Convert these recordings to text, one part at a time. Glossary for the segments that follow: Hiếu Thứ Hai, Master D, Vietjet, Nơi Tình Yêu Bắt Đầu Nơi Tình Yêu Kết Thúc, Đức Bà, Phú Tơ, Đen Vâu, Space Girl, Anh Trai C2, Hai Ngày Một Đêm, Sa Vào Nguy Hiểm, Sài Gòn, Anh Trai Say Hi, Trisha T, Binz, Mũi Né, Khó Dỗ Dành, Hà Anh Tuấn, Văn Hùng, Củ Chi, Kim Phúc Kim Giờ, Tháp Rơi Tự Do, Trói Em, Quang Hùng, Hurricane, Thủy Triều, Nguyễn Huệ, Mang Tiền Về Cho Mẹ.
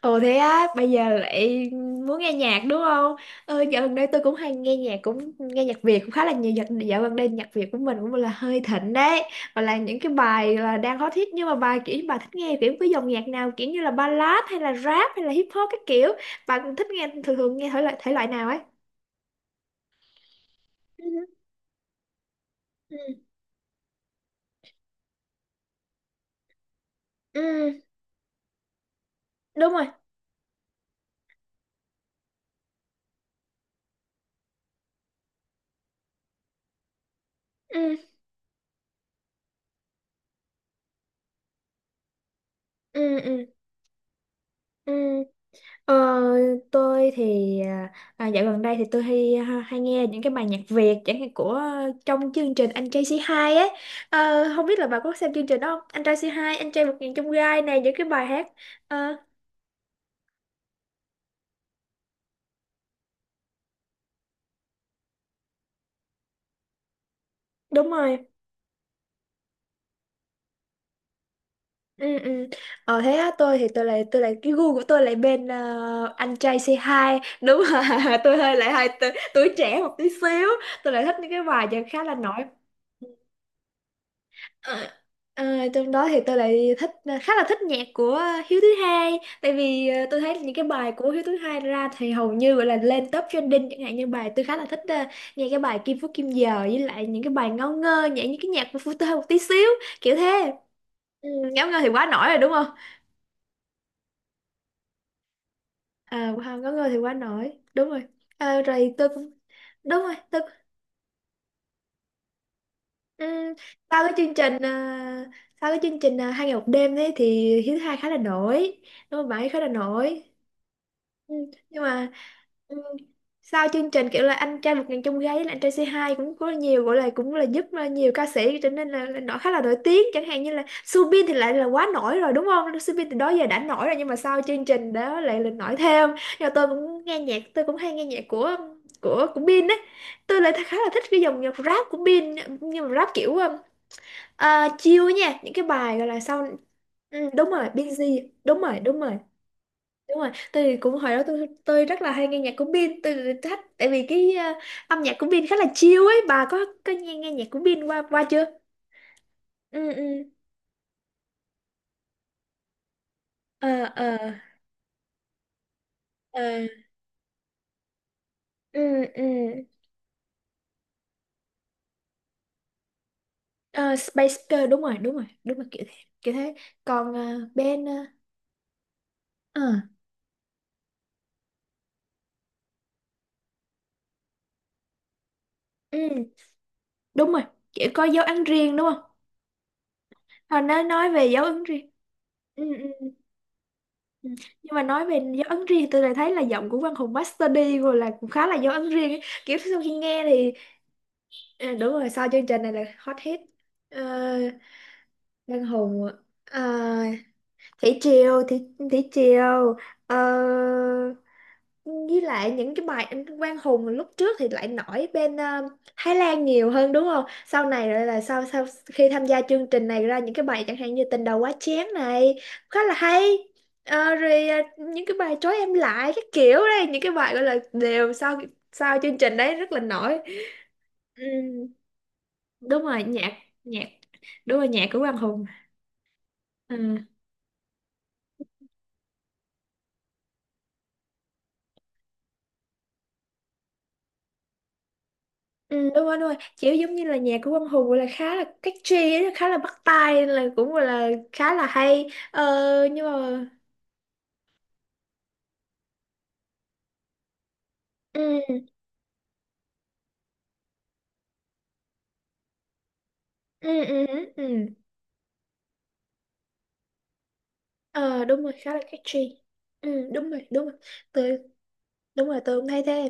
Ồ thế á, bây giờ lại muốn nghe nhạc đúng không? Dạo gần đây tôi cũng hay nghe nhạc, cũng nghe nhạc Việt cũng khá là nhiều. Dạo gần đây nhạc Việt của mình cũng là hơi thịnh đấy. Và là những cái bài là đang hot hit, nhưng mà bài kiểu bà thích nghe kiểu cái dòng nhạc nào, kiểu như là ballad hay là rap hay là hip hop các kiểu. Bạn thích nghe thường thường nghe thể loại nào ấy? Ừ, ừ, ừ, đúng rồi. Ừ, ừ, ừ, ừ. Ờ, tôi thì dạo gần đây thì tôi hay hay nghe những cái bài nhạc Việt, chẳng hạn của trong chương trình Anh Trai Say Hi ấy. Không biết là bà có xem chương trình đó không, Anh Trai Say Hi, Anh Trai Vượt Ngàn Chông Gai này, những cái bài hát. Ờ, Đúng rồi, ừ, ừ. Thế á, tôi thì tôi lại cái gu của tôi lại bên Anh Trai Say Hi đúng rồi. Tôi hơi tuổi trẻ một tí xíu, tôi lại thích những cái bài nhạc khá là nổi. À, Trong đó thì tôi lại thích khá là thích nhạc của Hiếu Thứ Hai, tại vì tôi thấy những cái bài của Hiếu Thứ Hai ra thì hầu như gọi là lên top trending. Chẳng hạn như bài tôi khá là thích nghe cái bài Kim Phúc Kim Giờ, với lại những cái bài ngáo ngơ, nhảy những cái nhạc của Phú Tơ một tí xíu kiểu thế. Ừ, ngáo ngơ thì quá nổi rồi đúng không. À, ngáo ngơ thì quá nổi đúng rồi. Rồi tôi cũng đúng rồi tôi. Ừ, sau cái chương trình ờ, sau cái chương trình ờ, hai ngày một đêm đấy thì Hiếu Thứ Hai khá là nổi đúng không, bảy khá là nổi. Ừ, nhưng mà ừ, sau chương trình kiểu là anh trai vượt ngàn chông gai là anh trai C2 cũng có nhiều, gọi là cũng là giúp nhiều ca sĩ trở nên là nổi, khá là nổi tiếng. Chẳng hạn như là Subin thì lại là quá nổi rồi đúng không, Subin từ đó giờ đã nổi rồi, nhưng mà sau chương trình đó lại là nổi thêm. Nhưng mà tôi cũng nghe nhạc, tôi cũng hay nghe nhạc của Bin á. Tôi lại khá là thích cái dòng nhạc rap của Bin, nhưng mà rap kiểu à, chill nha, những cái bài gọi là sau. Ừ, đúng rồi Binz, đúng rồi, đúng rồi, đúng rồi. Tôi thì cũng hồi đó tôi rất là hay nghe nhạc của Bin, tôi thích tại vì cái âm nhạc của Bin khá là chill ấy. Bà có nghe nghe nhạc của Bin qua qua chưa? Ừ, ừ, ờ, ờ, ờ, ừ, ừ. Ờ, Space Girl đúng rồi, đúng rồi, đúng rồi, kiểu thế, kiểu thế. Còn Ben ờ, ừ đúng rồi, kiểu có dấu ấn riêng đúng không, hồi nó nói về dấu ấn riêng. Ừ ừ, ừ. Nhưng mà nói về dấu ấn riêng, tôi lại thấy là giọng của Văn Hùng Master D rồi là cũng khá là dấu ấn riêng ấy. Kiểu sau khi nghe thì à, đúng rồi, sau chương trình này là hot hit. Ờ, Văn Hùng, uh, Thủy Triều, Thủy Triều. ờ, với lại những cái bài anh Quang Hùng lúc trước thì lại nổi bên Thái Lan nhiều hơn đúng không? Sau này lại là sau sau khi tham gia chương trình này ra những cái bài chẳng hạn như Tình Đầu Quá Chén này, khá là hay. Rồi những cái bài trói em lại các kiểu đây, những cái bài gọi là đều sau sau chương trình đấy rất là nổi. Ừ, đúng rồi nhạc nhạc đúng rồi nhạc của Quang Hùng. Ừ. Ừ, đúng rồi, đúng rồi. Kiểu giống như là nhạc của Quang Hùng gọi là khá là catchy ấy, khá là bắt tai, là cũng gọi là khá là hay. Ờ, nhưng mà... Ừ, ừ, ừ, ừ, ừ. Ờ, Đúng rồi, khá là catchy. Ừ, đúng rồi, đúng rồi. Đúng rồi tôi cũng thấy thế,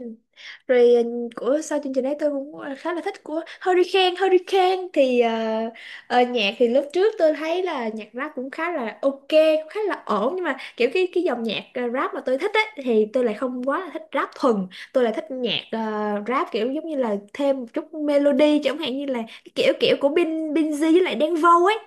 rồi ừ, của sau chương trình đấy tôi cũng khá là thích của Hurricane. Hurricane thì nhạc thì lúc trước tôi thấy là nhạc rap cũng khá là ok, cũng khá là ổn, nhưng mà kiểu cái dòng nhạc rap mà tôi thích ấy, thì tôi lại không quá là thích rap thuần. Tôi lại thích nhạc rap kiểu giống như là thêm một chút melody, chẳng hạn như là cái kiểu kiểu của Bin Binz với lại Đen Vâu ấy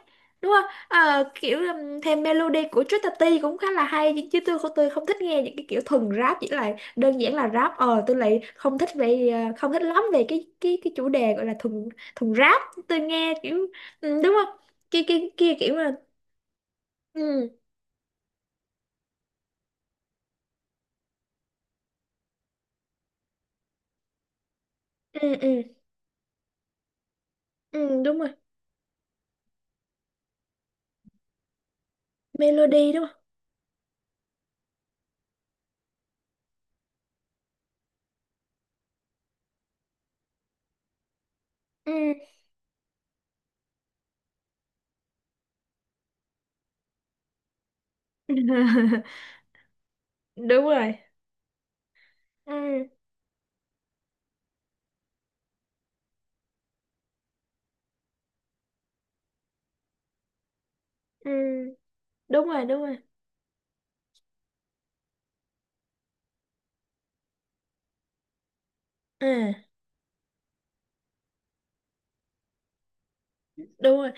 đúng không. Ờ, Kiểu thêm melody của Trisha T cũng khá là hay, chứ chứ tôi không thích nghe những cái kiểu thuần rap, chỉ là đơn giản là rap. Ờ tôi lại không thích về không thích lắm về cái cái chủ đề gọi là thùng, thùng rap. Tôi nghe kiểu ừ, đúng không, kia kia kia kiểu là ừ, ừ, ừ, ừ, đúng rồi. Melody đúng không. Ừ. Đúng rồi, ừ, ừ, đúng rồi, đúng rồi, ừ, đúng rồi.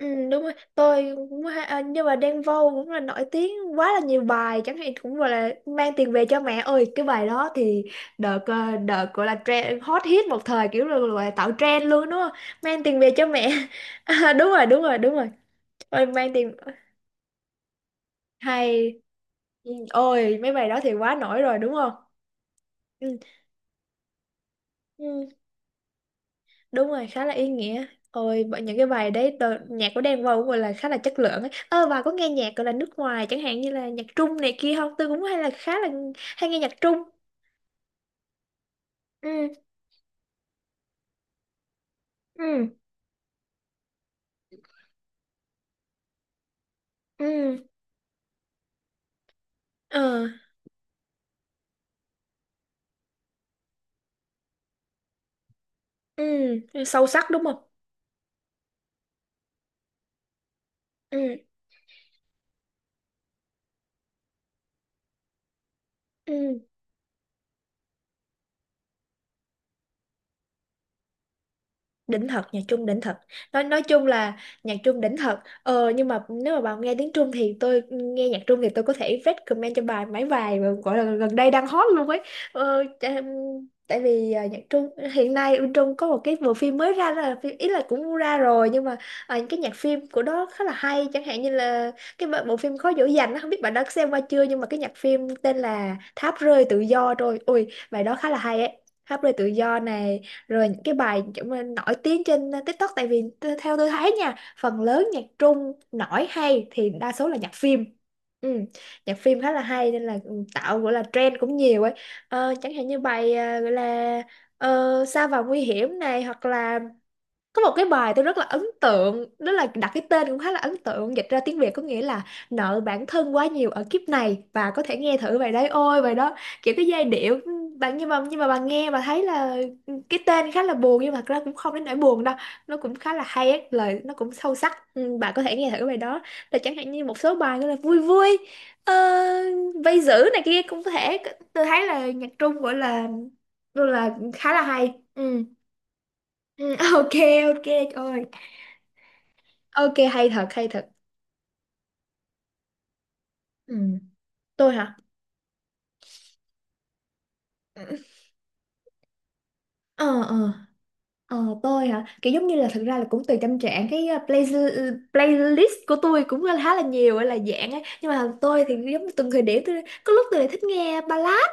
Ừ, đúng rồi. Tôi cũng hay, à, nhưng mà Đen Vâu cũng là nổi tiếng, quá là nhiều bài chẳng hạn cũng gọi là mang tiền về cho mẹ ơi, cái bài đó thì đợt đợt gọi là trend hot hit một thời, kiểu là gọi là tạo trend luôn đúng không, mang tiền về cho mẹ. À, đúng rồi, đúng rồi, đúng rồi. Ôi mang tiền hay. Ừ, ôi mấy bài đó thì quá nổi rồi đúng không. Ừ. Ừ. Đúng rồi, khá là ý nghĩa. Ôi bởi những cái bài đấy đồ, nhạc của Đen Vâu cũng gọi là khá là chất lượng ấy. Ơ bà có nghe nhạc gọi là nước ngoài, chẳng hạn như là nhạc Trung này kia không? Tôi cũng hay là khá là hay nghe nhạc Trung. Ừ, ừ, ừ, ờ, ừ, sâu sắc đúng không. Ừ, ừ, đỉnh thật, nhạc Trung đỉnh thật. Nói chung là nhạc Trung đỉnh thật. Ờ nhưng mà nếu mà bạn nghe tiếng Trung, thì tôi nghe nhạc Trung thì tôi có thể recommend cho bài mấy bài mà gọi là gần đây đang hot luôn ấy. ờ, chà- Tại vì à, nhạc Trung hiện nay bên Trung có một cái bộ phim mới ra, đó là phim ý, là cũng ra rồi nhưng mà à, những cái nhạc phim của đó khá là hay, chẳng hạn như là cái bộ bộ phim Khó Dỗ Dành á, không biết bạn đã xem qua chưa, nhưng mà cái nhạc phim tên là Tháp Rơi Tự Do, rồi ui bài đó khá là hay ấy. Tháp Rơi Tự Do này, rồi những cái bài kiểu mà nổi tiếng trên TikTok. Tại vì theo tôi thấy nha, phần lớn nhạc Trung nổi hay thì đa số là nhạc phim. Ừ, nhạc phim khá là hay, nên là ừ, tạo gọi là trend cũng nhiều ấy. Chẳng hạn như bài gọi là Sa Vào Nguy Hiểm này, hoặc là có một cái bài tôi rất là ấn tượng, đó là đặt cái tên cũng khá là ấn tượng, dịch ra tiếng Việt có nghĩa là Nợ Bản Thân Quá Nhiều Ở Kiếp Này, và có thể nghe thử bài đấy. Ôi bài đó kiểu cái giai điệu bạn, nhưng mà bạn nghe và thấy là cái tên khá là buồn, nhưng mà thật ra cũng không đến nỗi buồn đâu, nó cũng khá là hay ấy. Lời nó cũng sâu sắc. Ừ, bạn có thể nghe thử bài đó, là chẳng hạn như một số bài như là vui vui, ờ, vây giữ này kia cũng có thể. Tôi thấy là nhạc Trung gọi là khá là hay. Ừ. Ừ, ok, ok trời ơi. Ok hay thật, hay thật. Ừ. Tôi hả. Ừ. Ờ, ờ, ờ, tôi hả, kiểu giống như là thực ra là cũng tùy tâm trạng. Cái playlist của tôi cũng khá là nhiều là dạng ấy, nhưng mà tôi thì giống như từng thời điểm, tôi có lúc tôi lại thích nghe ballad.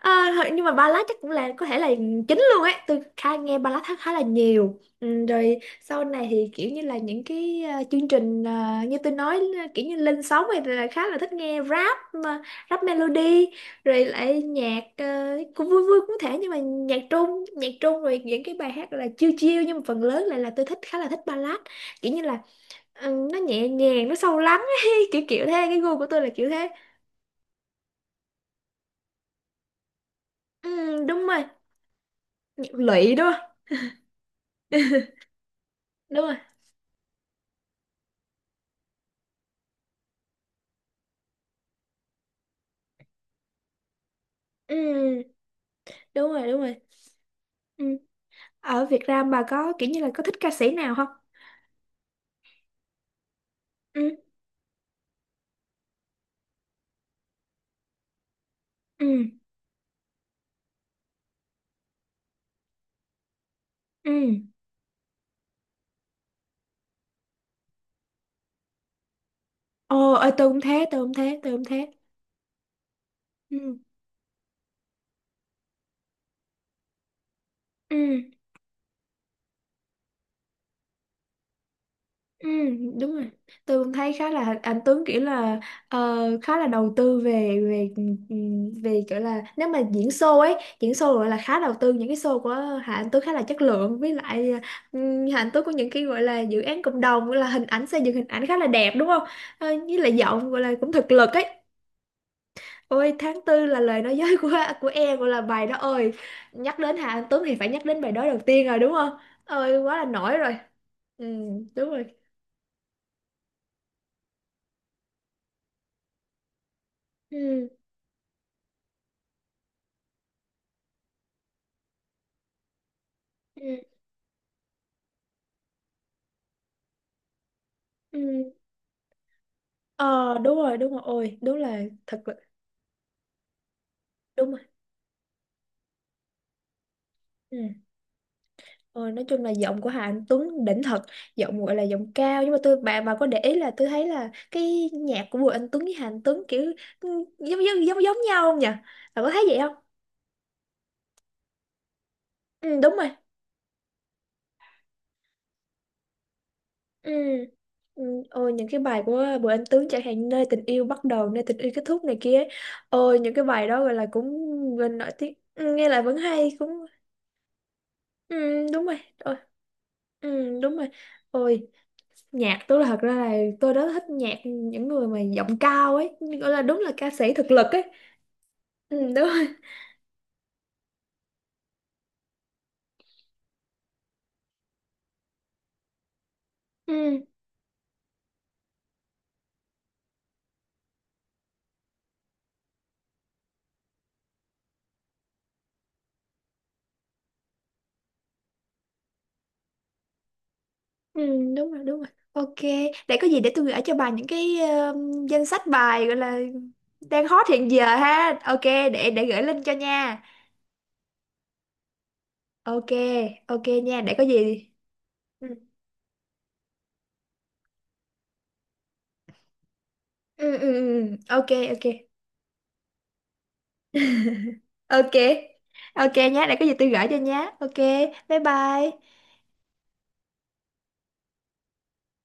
À, thôi, nhưng mà ballad chắc cũng là có thể là chính luôn ấy, tôi khá nghe ballad khá là nhiều. Ừ, rồi sau này thì kiểu như là những cái chương trình như tôi nói kiểu như lên sóng thì là khá là thích nghe rap, mà rap melody, rồi lại nhạc cũng vui vui cũng thể. Nhưng mà nhạc Trung rồi những cái bài hát là chill chill, nhưng mà phần lớn lại là tôi thích khá là thích ballad, kiểu như là ừ, nó nhẹ nhàng nó sâu lắng ấy. Kiểu kiểu thế, cái gu của tôi là kiểu thế. Ừ, đúng rồi. Nhạc lụy đúng không. Đúng rồi. Ừ, đúng rồi, đúng rồi. Ừ. Ở Việt Nam bà có kiểu như là có thích ca sĩ nào không? Ừ, ừ, ừ. Ồ, ơi tôi cũng thế, tôi cũng thế, tôi cũng thế. Ừ, ừ, ừ, đúng rồi. Tôi cũng thấy khá là anh Tuấn kiểu là khá là đầu tư về về ừ, ừ, về kiểu là nếu mà diễn show ấy, diễn show gọi là khá đầu tư, những cái show của Hà Anh Tuấn khá là chất lượng, với lại ừ, Hà Anh Tuấn có những cái gọi là dự án cộng đồng, gọi là hình ảnh, xây dựng hình ảnh khá là đẹp đúng không? Với lại giọng gọi là cũng thực lực ấy. Ôi tháng tư là lời nói dối của em, gọi là bài đó ơi, nhắc đến Hà Anh Tuấn thì phải nhắc đến bài đó đầu tiên rồi đúng không, ơi quá là nổi rồi. Ừ đúng rồi, ừ, ừ, ừ, ờ đúng rồi, đúng rồi, ôi đúng là thật là đúng rồi ừ. Ờ, nói chung là giọng của Hà Anh Tuấn đỉnh thật. Giọng gọi là giọng cao, nhưng mà tôi bà có để ý là tôi thấy là cái nhạc của Bùi Anh Tuấn với Hà Anh Tuấn kiểu ừ, giống giống giống giống nhau không nhỉ, bà có thấy vậy không. Ừ đúng rồi. Ừ. Ừ, ôi những cái bài của Bùi Anh Tuấn chẳng hạn nơi tình yêu bắt đầu, nơi tình yêu kết thúc này kia ấy. Ôi những cái bài đó gọi là cũng gần nổi tiếng. Ừ, nghe lại vẫn hay cũng ừ, đúng rồi. Ôi, ừ, đúng rồi, ôi nhạc tôi, là thật ra là tôi rất thích nhạc những người mà giọng cao ấy, gọi là đúng là ca sĩ thực lực ấy. Ừ, đúng rồi. Ừ. Ừ, đúng rồi, đúng rồi. Ok, để có gì để tôi gửi cho bà những cái danh sách bài gọi là đang hot hiện giờ ha. Ok, để gửi link cho nha. Ok, ok nha, để có gì. Ừ, ừ, ừ, ừ, ừ. Ok, ok. Ok. Ok nhé, để có gì tôi gửi cho nhé. Ok, bye bye.